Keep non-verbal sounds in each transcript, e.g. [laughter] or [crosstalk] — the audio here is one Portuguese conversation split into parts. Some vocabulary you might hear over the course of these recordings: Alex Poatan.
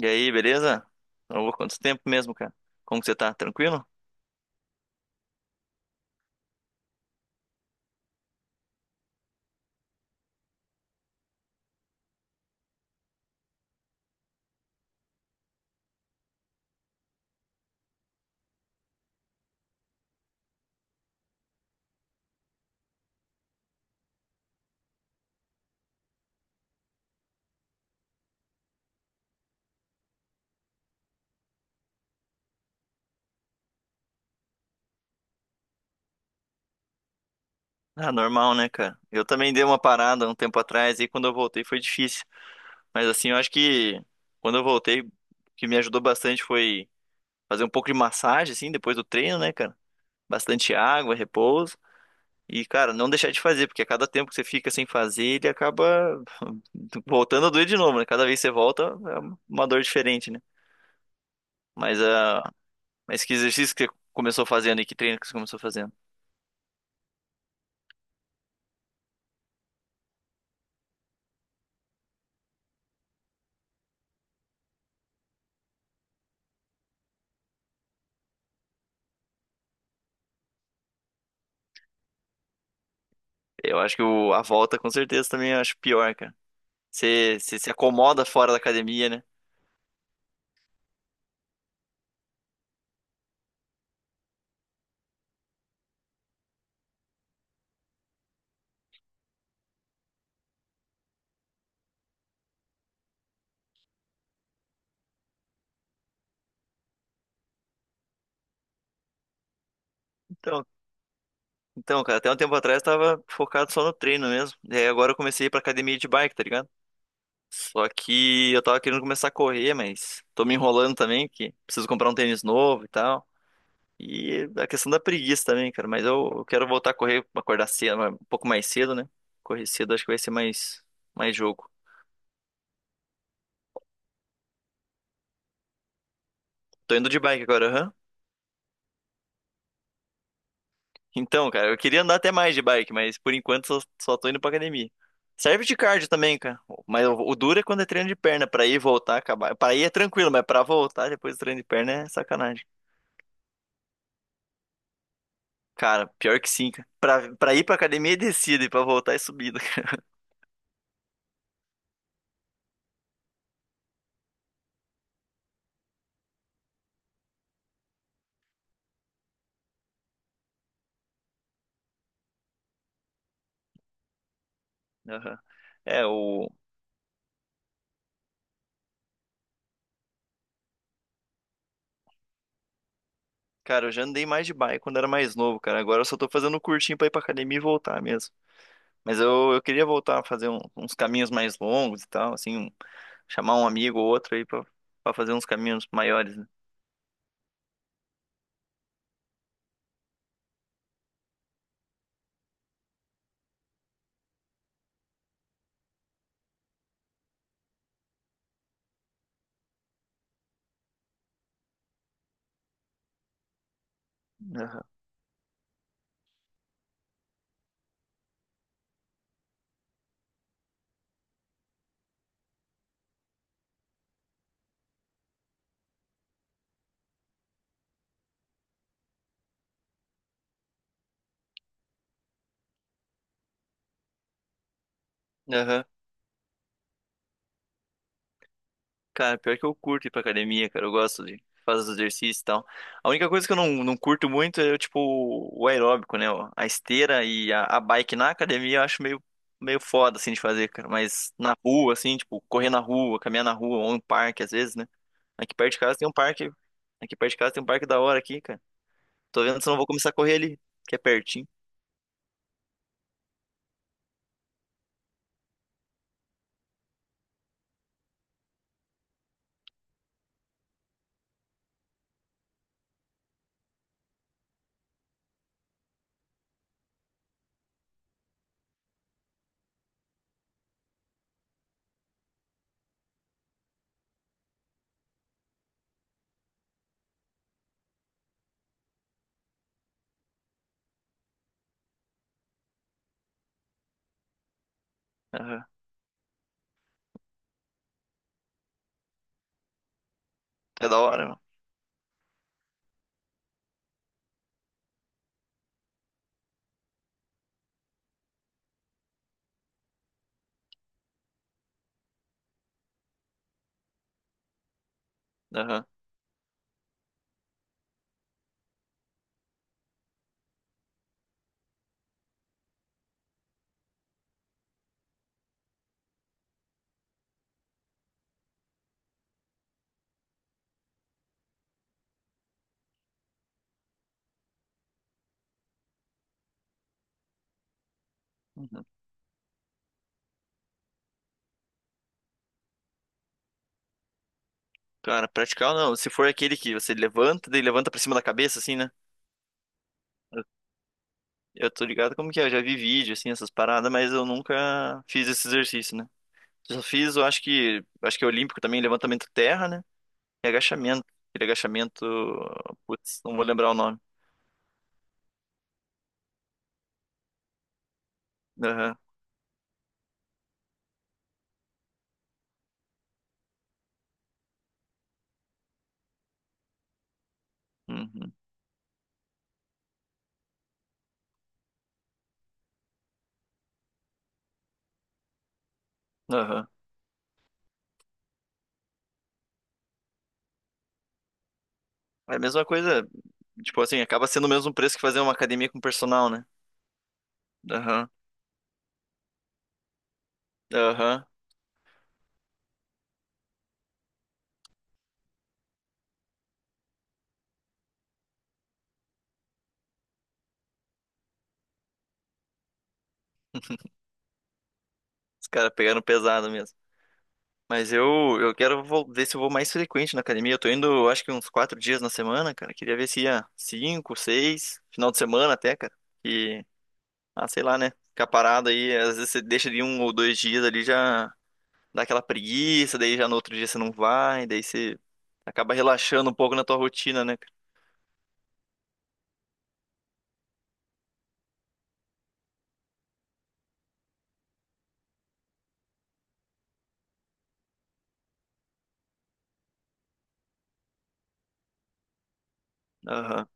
E aí, beleza? Ô, quanto tempo mesmo, cara? Como que você tá? Tranquilo? Ah, normal, né, cara? Eu também dei uma parada um tempo atrás e quando eu voltei foi difícil. Mas assim, eu acho que quando eu voltei, o que me ajudou bastante foi fazer um pouco de massagem, assim, depois do treino, né, cara? Bastante água, repouso. E, cara, não deixar de fazer, porque a cada tempo que você fica sem fazer, ele acaba [laughs] voltando a doer de novo, né? Cada vez que você volta, é uma dor diferente, né? Mas, mas que exercício que você começou fazendo e que treino que você começou fazendo? Eu acho que a volta com certeza também eu acho pior, cara. Você se acomoda fora da academia, né? Então, então, cara, até um tempo atrás eu tava focado só no treino mesmo. E aí agora eu comecei a ir pra academia de bike, tá ligado? Só que eu tava querendo começar a correr, mas tô me enrolando também, que preciso comprar um tênis novo e tal. E a questão da preguiça também, cara. Mas eu quero voltar a correr, acordar cedo, um pouco mais cedo, né? Correr cedo acho que vai ser mais jogo. Tô indo de bike agora, aham. Então, cara, eu queria andar até mais de bike, mas por enquanto só tô indo pra academia. Serve de cardio também, cara. Mas o duro é quando é treino de perna, pra ir e voltar, acabar. Pra ir é tranquilo, mas pra voltar depois do treino de perna é sacanagem. Cara, pior que sim, cara. Pra ir pra academia é descida e pra voltar é subida. [laughs] Aham. É, o. Cara, eu já andei mais de bike quando era mais novo, cara. Agora eu só tô fazendo um curtinho pra ir pra academia e voltar mesmo. Mas eu queria voltar a fazer uns caminhos mais longos e tal, assim, chamar um amigo ou outro aí pra, pra fazer uns caminhos maiores, né? Aham. Aham. Cara, pior que eu curto ir pra academia, cara. Eu gosto de fazer os exercícios e tal. A única coisa que eu não curto muito é, tipo, o aeróbico, né? Ó. A esteira e a bike na academia eu acho meio foda, assim, de fazer, cara. Mas na rua, assim, tipo, correr na rua, caminhar na rua, ou em parque, às vezes, né? Aqui perto de casa tem um parque. Aqui perto de casa tem um parque da hora aqui, cara. Tô vendo se eu não vou começar a correr ali, que é pertinho. Aham. É da hora, mano. Aham. Uhum. Cara, praticar ou não. Se for aquele que você levanta, daí levanta pra cima da cabeça, assim, né? Eu tô ligado como que é, eu já vi vídeo, assim, essas paradas, mas eu nunca fiz esse exercício, né? Só fiz, eu acho que é olímpico também, levantamento terra, né? E agachamento. Aquele agachamento, putz, não vou lembrar o nome. Aham, uhum, aham. É a mesma coisa, tipo assim, acaba sendo o mesmo preço que fazer uma academia com personal, né? Aham, aham. Os caras pegaram pesado. Mas eu quero ver se eu vou mais frequente na academia. Eu tô indo, eu acho que uns 4 dias na semana, cara. Queria ver se ia 5, 6, final de semana até, cara. E, ah, sei lá, né? Ficar parado aí, às vezes você deixa de um ou dois dias ali, já dá aquela preguiça, daí já no outro dia você não vai, daí você acaba relaxando um pouco na tua rotina, né, cara? Aham.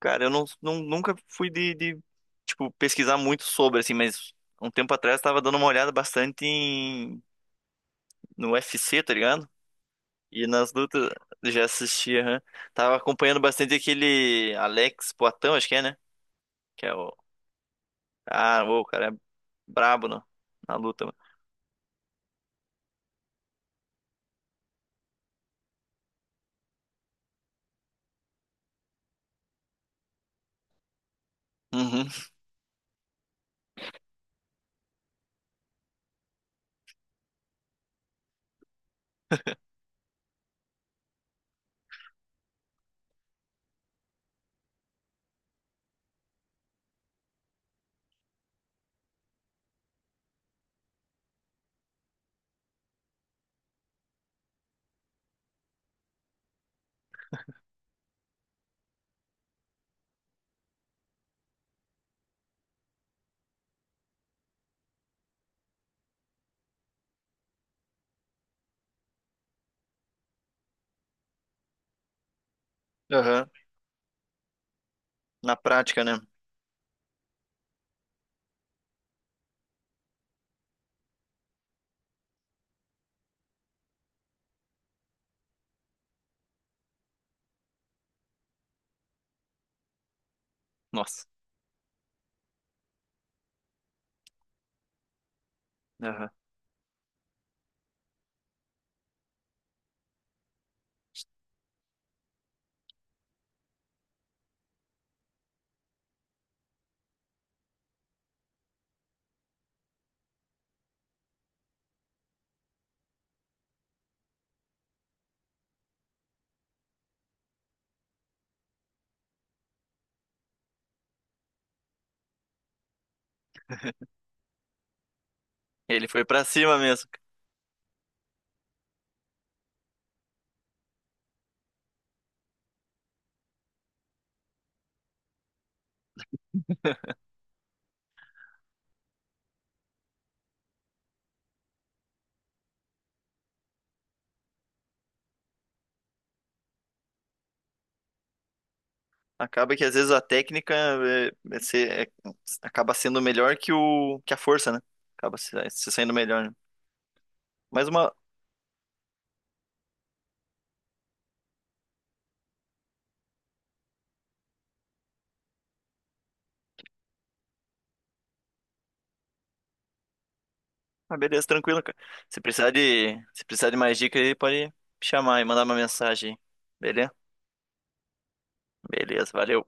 Cara, eu nunca fui tipo, pesquisar muito sobre, assim, mas um tempo atrás eu tava dando uma olhada bastante no UFC, tá ligado? E nas lutas já assisti, aham. Tava acompanhando bastante aquele Alex Poatan, acho que é, né? Que é o. Ah, ô, o cara é brabo na luta, mano. Uhum. Aham. Na prática, né? Nossa. Aham. Ele foi pra cima mesmo. Acaba que às vezes a técnica é é- acaba sendo melhor que o que a força, né? Acaba se saindo melhor, né? Mas uma, uma beleza tranquila, cara. Se precisar de mais dicas aí, pode chamar e mandar uma mensagem aí. Beleza? Beleza, valeu.